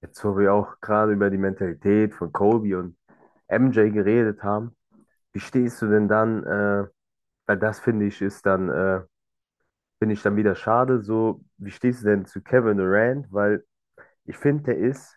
Jetzt, wo wir auch gerade über die Mentalität von Kobe und MJ geredet haben, wie stehst du denn dann, weil das finde ich ist dann, finde ich dann wieder schade, so, wie stehst du denn zu Kevin Durant? Weil ich finde, der ist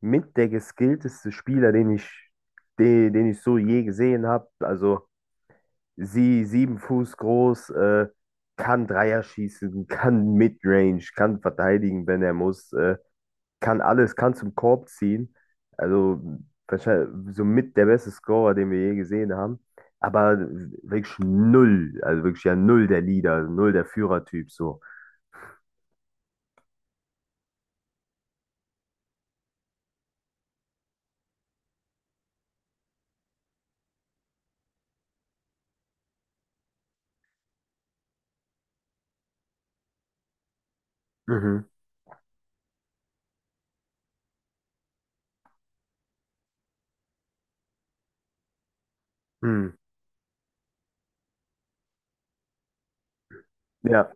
mit der geskillteste Spieler, den ich so je gesehen habe. Also 7 Fuß groß, kann Dreier schießen, kann Midrange, kann verteidigen, wenn er muss. Kann alles, kann zum Korb ziehen. Also wahrscheinlich somit der beste Scorer, den wir je gesehen haben. Aber wirklich null, also wirklich ja null der Leader, null der Führertyp so. Mhm. Mhm. Ja,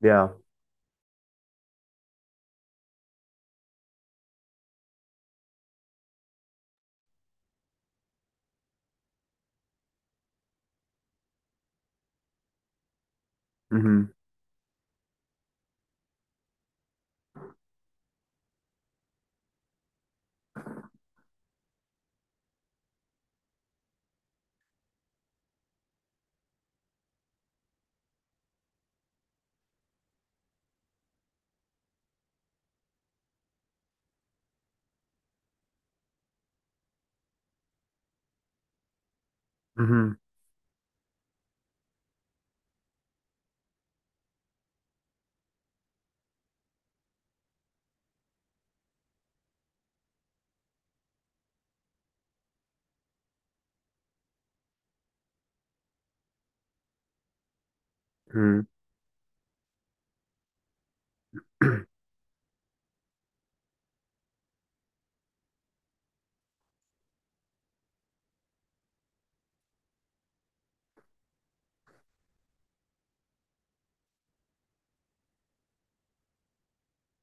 ja. Mhm. Mhm. Mhm.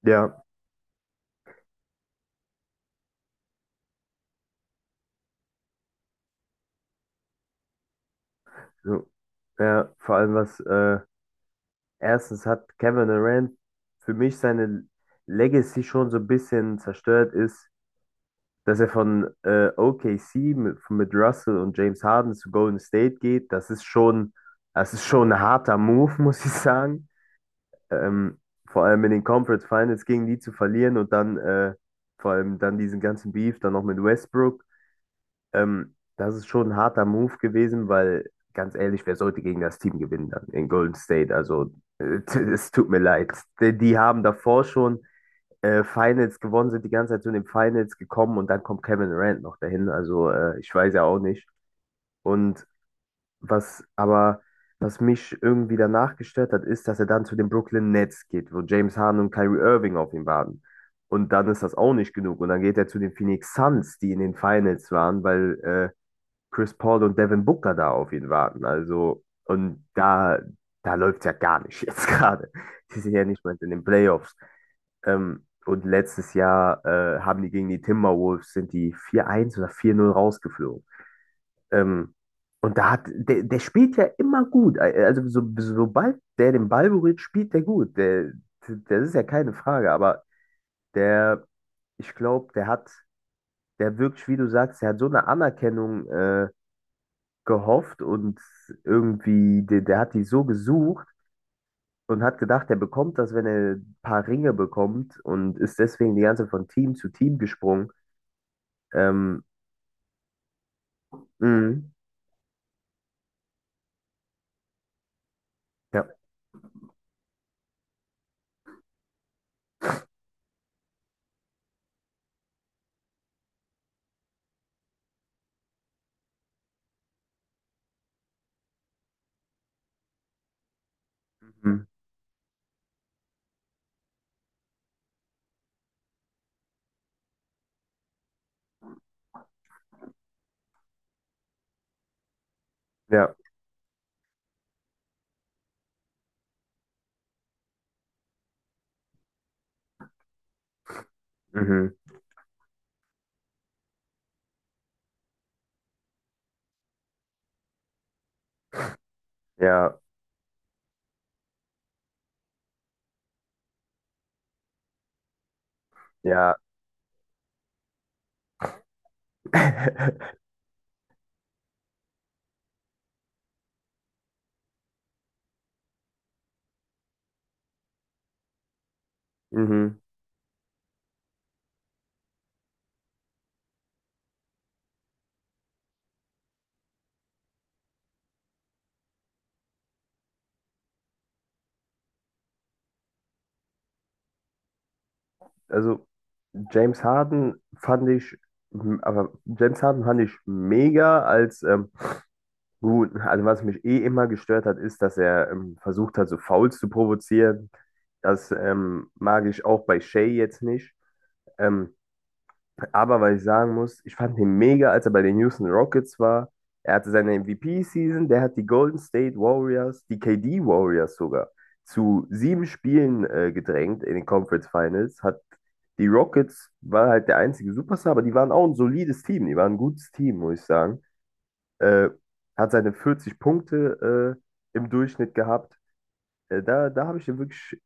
Ja. So. Ja, vor allem was, erstens hat Kevin Durant für mich seine Legacy schon so ein bisschen zerstört ist, dass er von OKC mit Russell und James Harden zu Golden State geht. Das ist schon, das ist schon ein harter Move, muss ich sagen. Ähm, Vor allem in den Conference Finals gegen die zu verlieren und dann vor allem dann diesen ganzen Beef dann noch mit Westbrook. Das ist schon ein harter Move gewesen, weil ganz ehrlich, wer sollte gegen das Team gewinnen dann in Golden State? Also es tut mir leid. Die haben davor schon Finals gewonnen, sind die ganze Zeit zu den Finals gekommen, und dann kommt Kevin Durant noch dahin. Also ich weiß ja auch nicht. Und was aber, was mich irgendwie danach gestört hat, ist, dass er dann zu den Brooklyn Nets geht, wo James Harden und Kyrie Irving auf ihn warten. Und dann ist das auch nicht genug. Und dann geht er zu den Phoenix Suns, die in den Finals waren, weil Chris Paul und Devin Booker da auf ihn warten. Also, und da, da läuft ja gar nicht jetzt gerade. Die sind ja nicht mal in den Playoffs. Und letztes Jahr haben die gegen die Timberwolves, sind die 4:1 oder 4:0 rausgeflogen. Ähm, und da hat, der, der spielt ja immer gut. Also so, sobald der den Ball berührt, spielt der gut. Der, das ist ja keine Frage, aber der, ich glaube, der hat, der wirklich, wie du sagst, der hat so eine Anerkennung gehofft und irgendwie, der hat die so gesucht und hat gedacht, der bekommt das, wenn er ein paar Ringe bekommt, und ist deswegen die ganze Zeit von Team zu Team gesprungen. Ähm, mhm. Ja. Mhm. Ja. Mhm. Ja. Ja. Mhm. Also James Harden fand ich, aber James Harden fand ich mega als gut. Also was mich eh immer gestört hat, ist, dass er versucht hat, so Fouls zu provozieren. Das mag ich auch bei Shea jetzt nicht. Ähm, Aber weil ich sagen muss, ich fand ihn mega, als er bei den Houston Rockets war. Er hatte seine MVP-Season, der hat die Golden State Warriors, die KD Warriors sogar, zu 7 Spielen gedrängt in den Conference Finals. Hat die Rockets, war halt der einzige Superstar, aber die waren auch ein solides Team. Die waren ein gutes Team, muss ich sagen. Äh, Hat seine 40 Punkte im Durchschnitt gehabt. Da, da habe ich den wirklich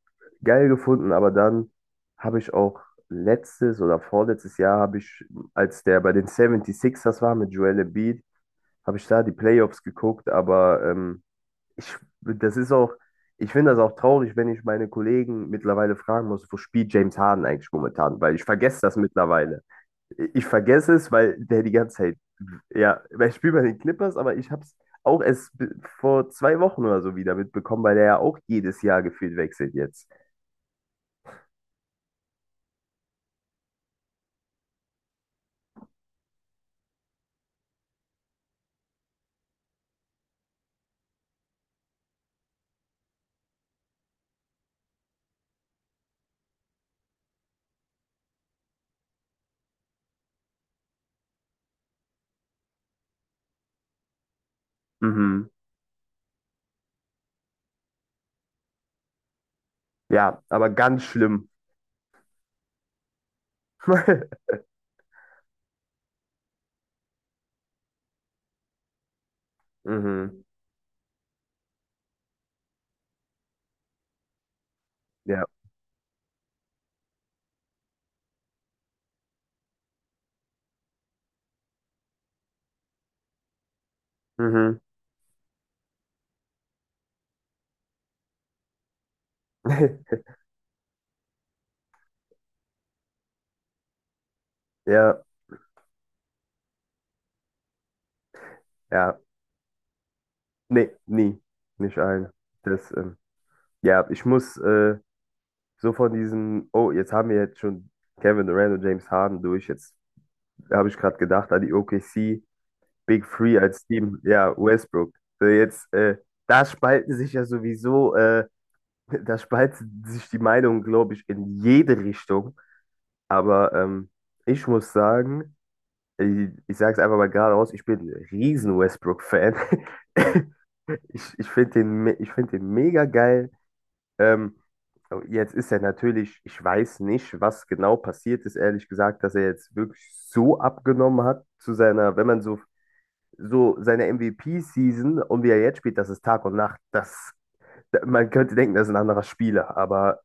geil gefunden, aber dann habe ich auch letztes oder vorletztes Jahr habe ich, als der bei den 76ers war mit Joel Embiid, habe ich da die Playoffs geguckt, aber ich, das ist auch, ich finde das auch traurig, wenn ich meine Kollegen mittlerweile fragen muss, wo spielt James Harden eigentlich momentan, weil ich vergesse das mittlerweile. Ich vergesse es, weil der die ganze Zeit ja, weil ich spiele bei den Clippers, aber ich habe es auch erst vor 2 Wochen oder so wieder mitbekommen, weil der ja auch jedes Jahr gefühlt wechselt jetzt. Mhm. Ja, aber ganz schlimm. Mhm. Ja. Mhm. Ja, ja. Nee, nie. Nicht allen. Das, ja, ich muss so von diesem, oh, jetzt haben wir jetzt schon Kevin Durant und James Harden durch. Jetzt habe ich gerade gedacht an die OKC. Big Three als Team, ja, Westbrook. So jetzt, da spalten sich ja sowieso, da spalten sich die Meinungen, glaube ich, in jede Richtung. Aber ich muss sagen, ich sage es einfach mal geradeaus, ich bin ein riesen Westbrook-Fan. Ich finde den, ich find den mega geil. Ähm, oh, jetzt ist er natürlich, ich weiß nicht, was genau passiert ist, ehrlich gesagt, dass er jetzt wirklich so abgenommen hat zu seiner, wenn man so seine MVP-Season und wie er jetzt spielt, das ist Tag und Nacht. Das, man könnte denken, das ist ein anderer Spieler, aber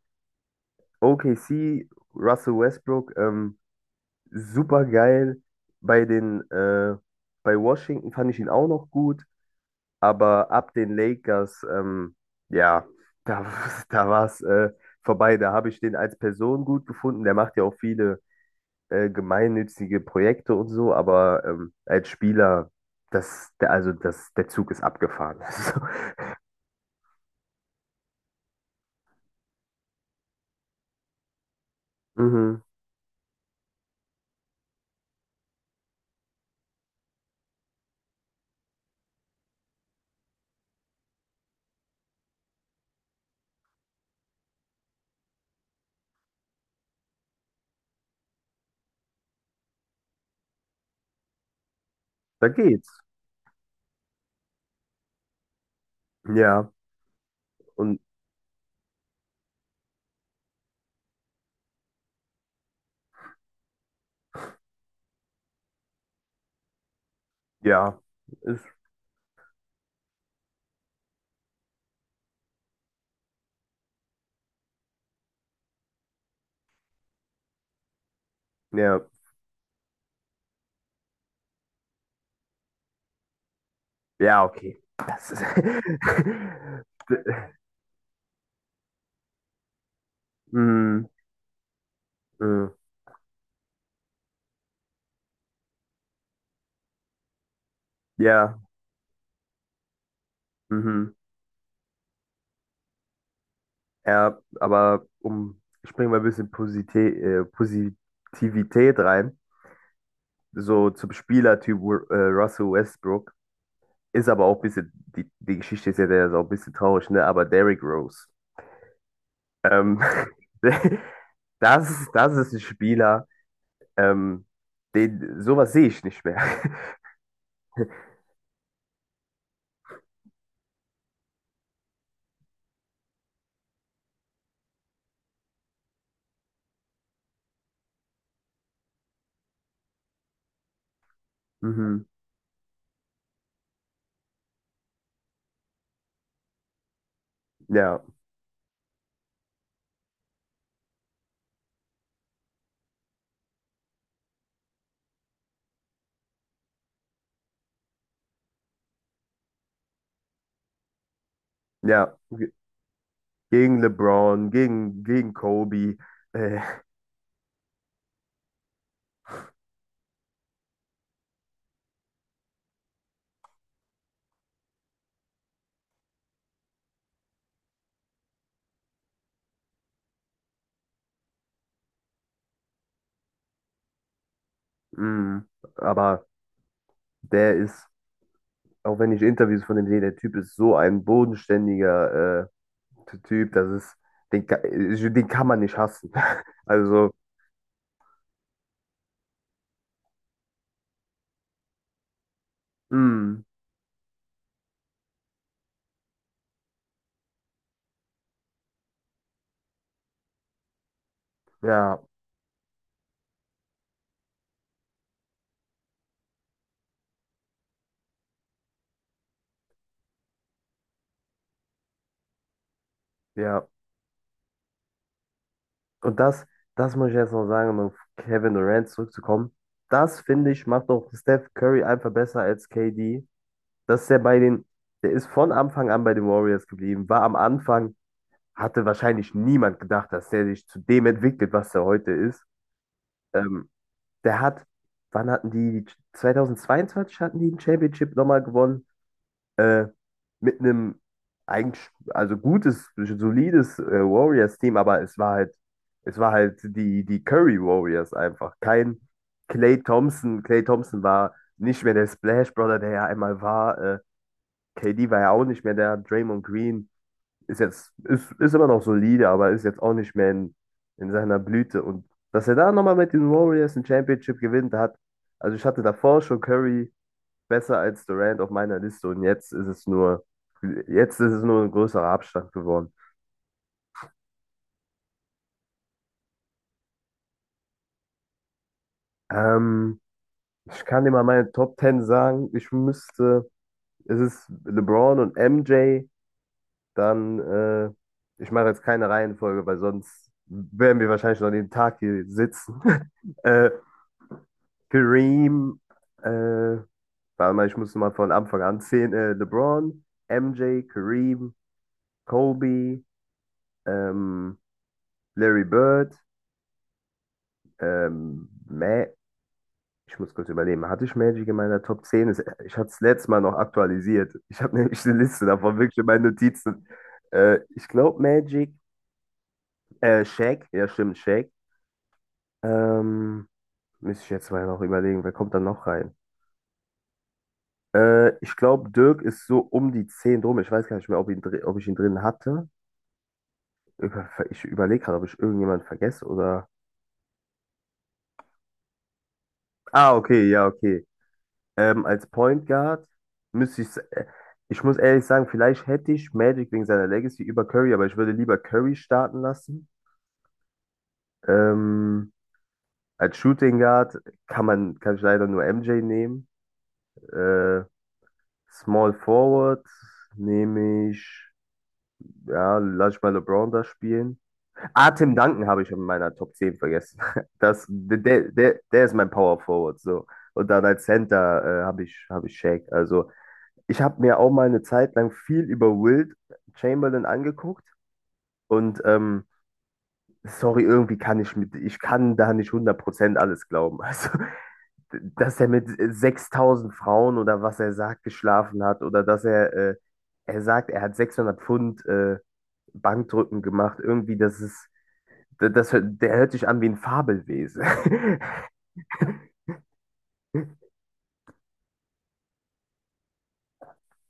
OKC, Russell Westbrook, super geil. Bei den, bei Washington fand ich ihn auch noch gut, aber ab den Lakers, ja, da, da war es vorbei. Da habe ich den als Person gut gefunden. Der macht ja auch viele gemeinnützige Projekte und so, aber als Spieler, das, der, also das, der Zug ist abgefahren. Also, mhm, da geht's. Ja, und ja, ist, ja, ja, okay. Das ist, mm, mm, ja, mhm, ja, aber um, ich bringe mal ein bisschen Positivität rein. So zum Spielertyp Russell Westbrook. Ist aber auch ein bisschen, die Geschichte ist ja, der ist auch ein bisschen traurig, ne? Aber Derrick Rose, ähm, das, das ist ein Spieler, ähm, den, sowas sehe ich nicht mehr. Mhm. Ja, ja. Gegen LeBron, gegen Kobe. Äh, Mh. Aber der ist, auch wenn ich Interviews von dem sehe, der Typ ist so ein bodenständiger Typ, das ist, den, den kann man nicht hassen. Also, mh. Ja, ja. Und das, das muss ich jetzt noch sagen, um auf Kevin Durant zurückzukommen. Das, finde ich, macht auch Steph Curry einfach besser als KD. Dass der bei den, der ist von Anfang an bei den Warriors geblieben, war am Anfang, hatte wahrscheinlich niemand gedacht, dass der sich zu dem entwickelt, was er heute ist. Ähm, Der hat, wann hatten die, 2022 hatten die ein Championship nochmal gewonnen? äh, mit einem eigentlich, also gutes, solides Warriors-Team, aber es war halt die, die Curry Warriors einfach. Kein Klay Thompson. Klay Thompson war nicht mehr der Splash Brother, der ja einmal war. KD war ja auch nicht mehr der. Draymond Green ist jetzt, ist immer noch solide, aber ist jetzt auch nicht mehr in, seiner Blüte. Und dass er da nochmal mit den Warriors ein Championship gewinnt hat, also ich hatte davor schon Curry besser als Durant auf meiner Liste, und jetzt ist es nur, jetzt ist es nur ein größerer Abstand geworden. Ähm, Ich kann dir mal meine Top 10 sagen. Ich müsste, es ist LeBron und MJ, dann, ich mache jetzt keine Reihenfolge, weil sonst werden wir wahrscheinlich noch den Tag hier sitzen. äh, Kareem, äh, warte mal, ich muss mal von Anfang an zählen. LeBron, MJ, Kareem, Kobe, ähm, Larry Bird, Ma ich muss kurz überlegen, hatte ich Magic in meiner Top 10? Ich hatte es letztes Mal noch aktualisiert. Ich habe nämlich eine Liste davon, wirklich in meinen Notizen. Ich glaube Magic, Shaq, ja stimmt, Shaq. Ähm, Müsste ich jetzt mal noch überlegen, wer kommt da noch rein? Ich glaube, Dirk ist so um die 10 drum. Ich weiß gar nicht mehr, ob, ihn, ob ich ihn drin hatte. Ich überlege gerade, ob ich irgendjemanden vergesse oder. Ah, okay, ja, okay. Als Point Guard müsste ich, ich muss ehrlich sagen, vielleicht hätte ich Magic wegen seiner Legacy über Curry, aber ich würde lieber Curry starten lassen. Ähm, Als Shooting Guard kann man, kann ich leider nur MJ nehmen. Äh, Small Forward nehme ich, ja, lass ich mal LeBron da spielen. Ah, Tim Duncan habe ich in meiner Top 10 vergessen. Das, der ist mein Power Forward, so. Und dann als Center, habe ich, Shaq. Also, ich habe mir auch mal eine Zeit lang viel über Wilt Chamberlain angeguckt und sorry, irgendwie kann ich mit, ich kann da nicht 100% alles glauben. Also, dass er mit 6.000 Frauen oder was er sagt, geschlafen hat, oder dass er, er sagt, er hat 600 Pfund Bankdrücken gemacht, irgendwie, das ist, das, das, der hört sich an wie ein Fabelwesen.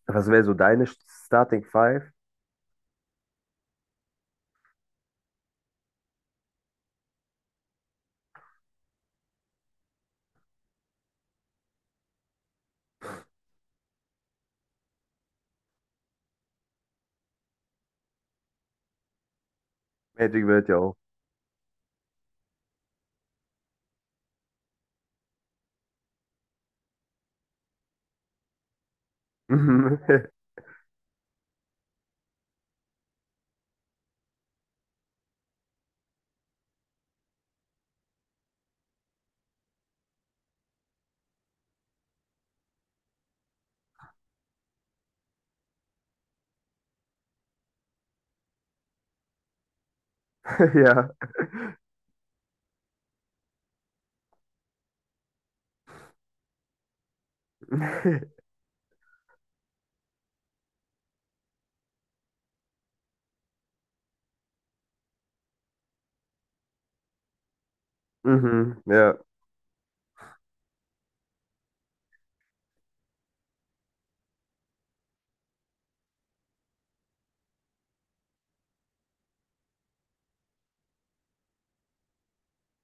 Was wäre so deine Starting Five? Magic wird ja auch. Ja. Mhm. Ja.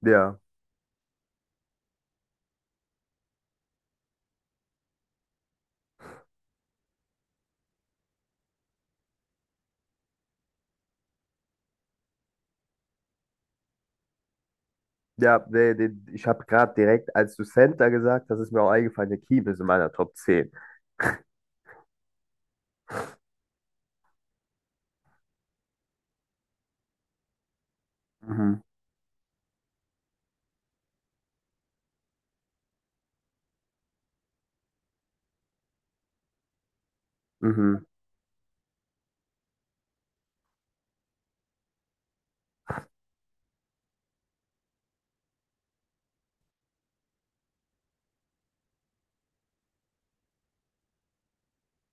Ja. Ja, nee, den, ich habe gerade direkt, als du Center gesagt hast, ist mir auch eingefallen, der Keem ist in meiner Top 10. Mhm, mhm,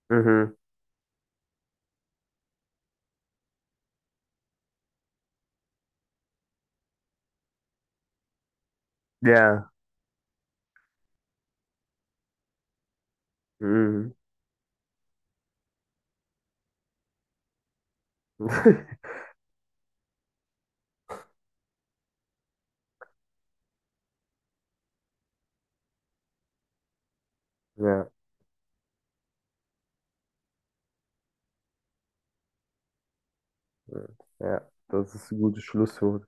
mhm, ja, mhm. Ja, ja, das ist ein gutes Schlusswort.